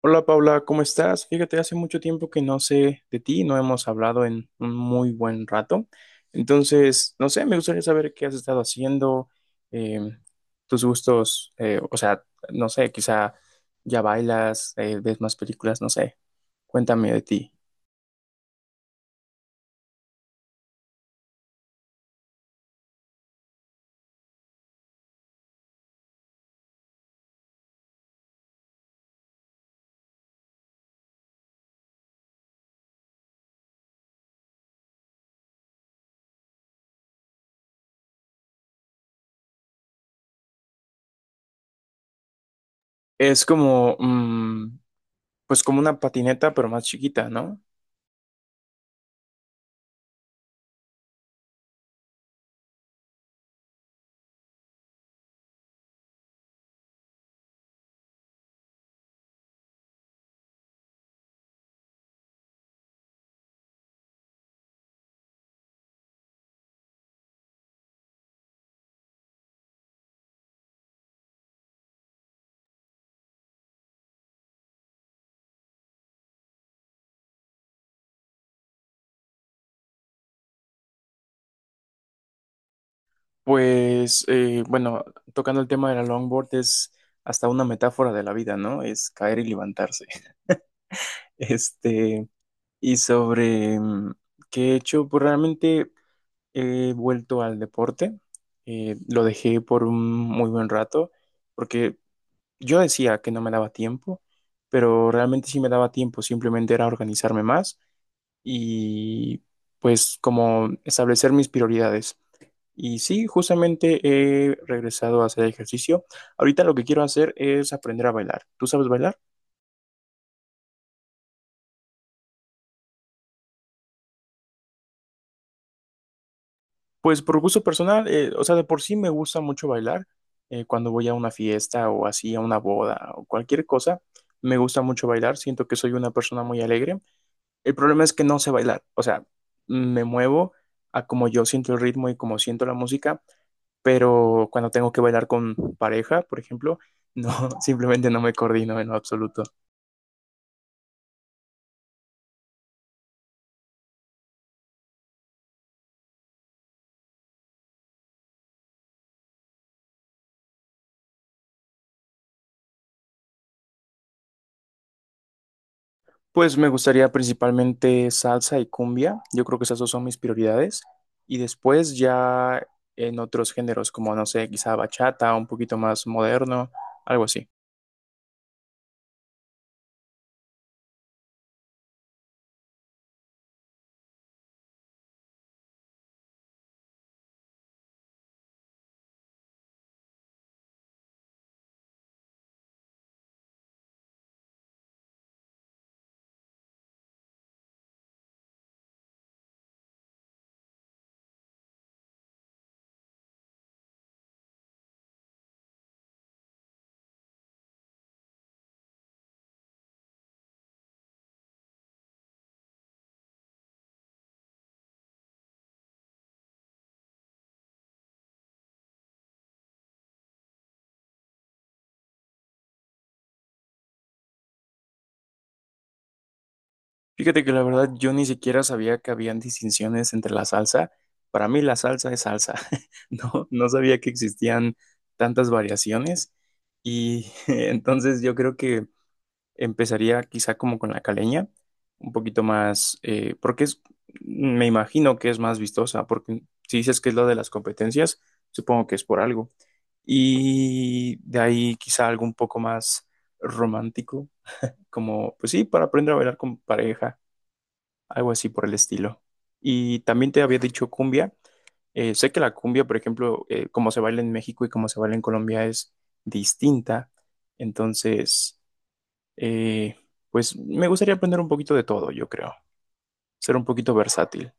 Hola Paula, ¿cómo estás? Fíjate, hace mucho tiempo que no sé de ti, no hemos hablado en un muy buen rato. Entonces, no sé, me gustaría saber qué has estado haciendo, eh, tus gustos, o sea, no sé, quizá ya bailas, ves más películas, no sé. Cuéntame de ti. Es como, mm, pues como una patineta, pero más chiquita, ¿no? Pues, bueno, tocando el tema de la longboard es hasta una metáfora de la vida, ¿no? Es caer y levantarse. Este, y sobre qué he hecho, pues realmente he vuelto al deporte. Lo dejé por un muy buen rato, porque yo decía que no me daba tiempo, pero realmente sí me daba tiempo, simplemente era organizarme más y pues como establecer mis prioridades. Y sí, justamente he regresado a hacer ejercicio. Ahorita lo que quiero hacer es aprender a bailar. ¿Tú sabes bailar? Pues por gusto personal, o sea, de por sí me gusta mucho bailar. Cuando voy a una fiesta o así, a una boda o cualquier cosa, me gusta mucho bailar. Siento que soy una persona muy alegre. El problema es que no sé bailar. O sea, me muevo a como yo siento el ritmo y como siento la música, pero cuando tengo que bailar con pareja, por ejemplo, no, simplemente no me coordino en lo absoluto. Pues me gustaría principalmente salsa y cumbia. Yo creo que esas dos son mis prioridades. Y después ya en otros géneros, como no sé, quizá bachata, un poquito más moderno, algo así. Fíjate que la verdad yo ni siquiera sabía que habían distinciones entre la salsa. Para mí la salsa es salsa. No, no sabía que existían tantas variaciones. Y entonces yo creo que empezaría quizá como con la caleña, un poquito más, porque es, me imagino que es más vistosa, porque si dices que es lo de las competencias, supongo que es por algo. Y de ahí quizá algo un poco más romántico, como, pues sí, para aprender a bailar con pareja, algo así por el estilo. Y también te había dicho cumbia. Sé que la cumbia, por ejemplo, como se baila en México y como se baila en Colombia es distinta. Entonces, eh, pues me gustaría aprender un poquito de todo, yo creo, ser un poquito versátil.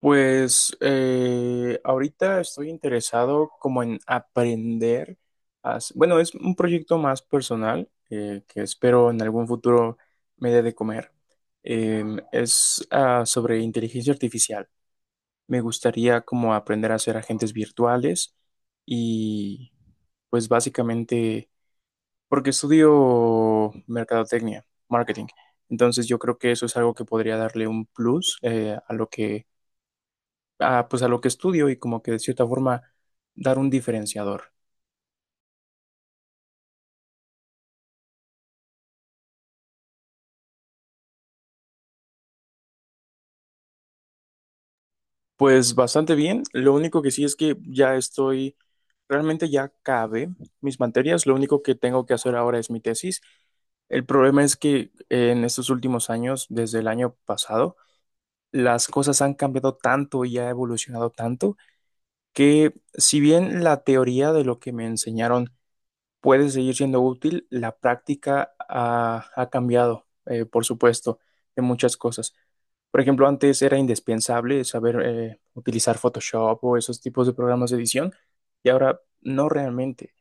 Pues ahorita estoy interesado como en aprender bueno, es un proyecto más personal que espero en algún futuro me dé de comer. Eh, es sobre inteligencia artificial. Me gustaría como aprender a hacer agentes virtuales y pues básicamente porque estudio mercadotecnia, marketing. Entonces yo creo que eso es algo que podría darle un plus a pues a lo que estudio y como que de cierta forma dar un diferenciador. Pues bastante bien. Lo único que sí es que realmente ya acabé mis materias. Lo único que tengo que hacer ahora es mi tesis. El problema es que en estos últimos años, desde el año pasado, las cosas han cambiado tanto y ha evolucionado tanto que si bien la teoría de lo que me enseñaron puede seguir siendo útil, la práctica ha cambiado, por supuesto, en muchas cosas. Por ejemplo, antes era indispensable saber utilizar Photoshop o esos tipos de programas de edición y ahora no realmente.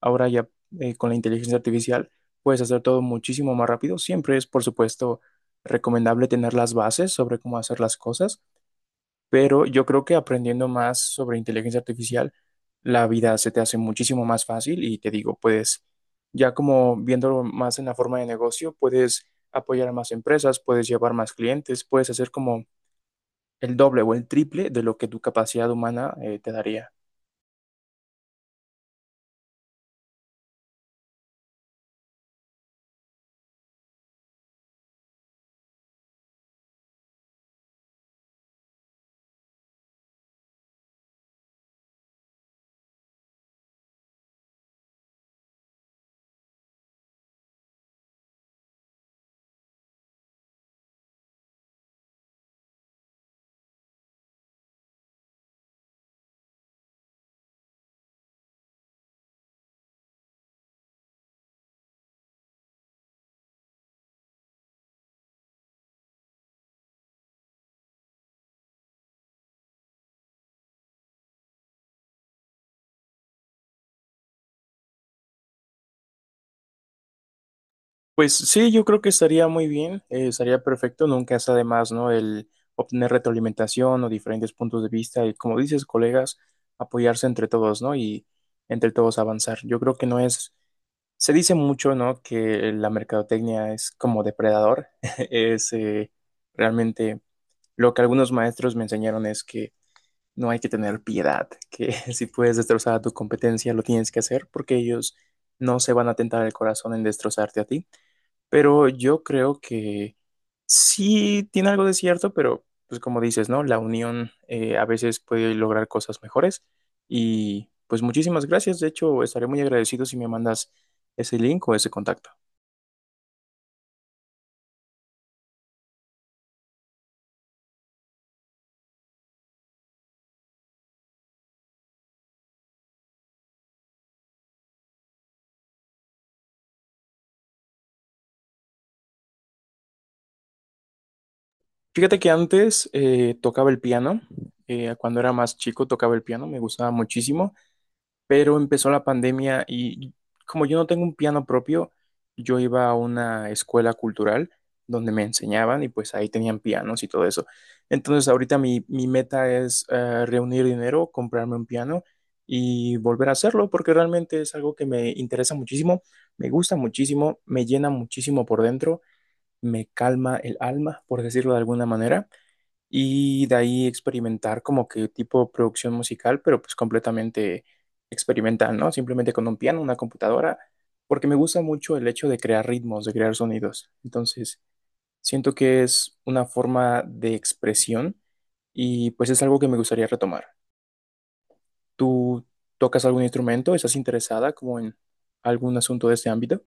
Ahora ya con la inteligencia artificial puedes hacer todo muchísimo más rápido. Siempre es, por supuesto, recomendable tener las bases sobre cómo hacer las cosas pero yo creo que aprendiendo más sobre inteligencia artificial, la vida se te hace muchísimo más fácil y te digo, ya como viéndolo más en la forma de negocio, puedes apoyar a más empresas, puedes llevar más clientes, puedes hacer como el doble o el triple de lo que tu capacidad humana te daría. Pues sí, yo creo que estaría muy bien, estaría perfecto, nunca es además, ¿no? El obtener retroalimentación o diferentes puntos de vista y, como dices, colegas, apoyarse entre todos, ¿no? Y entre todos avanzar. Yo creo que no es, se dice mucho, ¿no? Que la mercadotecnia es como depredador, es realmente lo que algunos maestros me enseñaron es que no hay que tener piedad, que si puedes destrozar a tu competencia, lo tienes que hacer porque ellos no se van a tentar el corazón en destrozarte a ti. Pero yo creo que sí tiene algo de cierto, pero pues como dices, ¿no? La unión a veces puede lograr cosas mejores. Y pues muchísimas gracias. De hecho, estaré muy agradecido si me mandas ese link o ese contacto. Fíjate que antes tocaba el piano. Cuando era más chico tocaba el piano, me gustaba muchísimo. Pero empezó la pandemia y como yo no tengo un piano propio, yo iba a una escuela cultural donde me enseñaban y pues ahí tenían pianos y todo eso. Entonces ahorita mi meta es reunir dinero, comprarme un piano y volver a hacerlo porque realmente es algo que me interesa muchísimo, me gusta muchísimo, me llena muchísimo por dentro, me calma el alma, por decirlo de alguna manera y de ahí experimentar como que tipo producción musical, pero pues completamente experimental, ¿no? Simplemente con un piano, una computadora, porque me gusta mucho el hecho de crear ritmos, de crear sonidos. Entonces, siento que es una forma de expresión y pues es algo que me gustaría retomar. ¿Tú tocas algún instrumento? ¿Estás interesada como en algún asunto de este ámbito?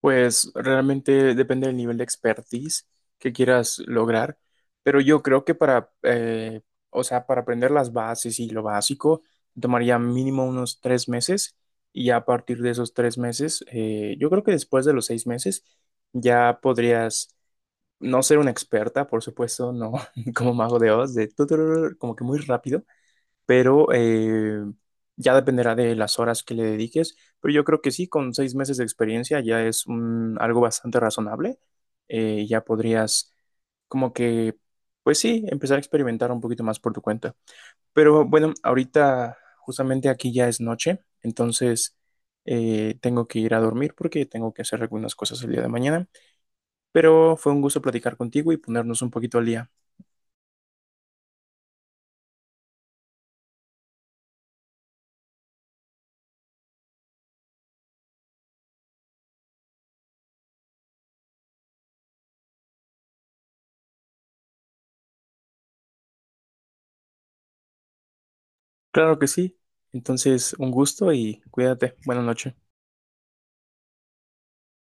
Pues realmente depende del nivel de expertise que quieras lograr, pero yo creo que para, o sea, para aprender las bases y lo básico, tomaría mínimo unos 3 meses y ya a partir de esos 3 meses, yo creo que después de los 6 meses ya podrías no ser una experta, por supuesto, no como mago de Oz, de tuturur, como que muy rápido, pero ya dependerá de las horas que le dediques, pero yo creo que sí, con 6 meses de experiencia ya es un- algo bastante razonable, ya podrías como que, pues sí, empezar a experimentar un poquito más por tu cuenta. Pero bueno, ahorita justamente aquí ya es noche, entonces tengo que ir a dormir porque tengo que hacer algunas cosas el día de mañana, pero fue un gusto platicar contigo y ponernos un poquito al día. Claro que sí. Entonces, un gusto y cuídate. Buenas noches.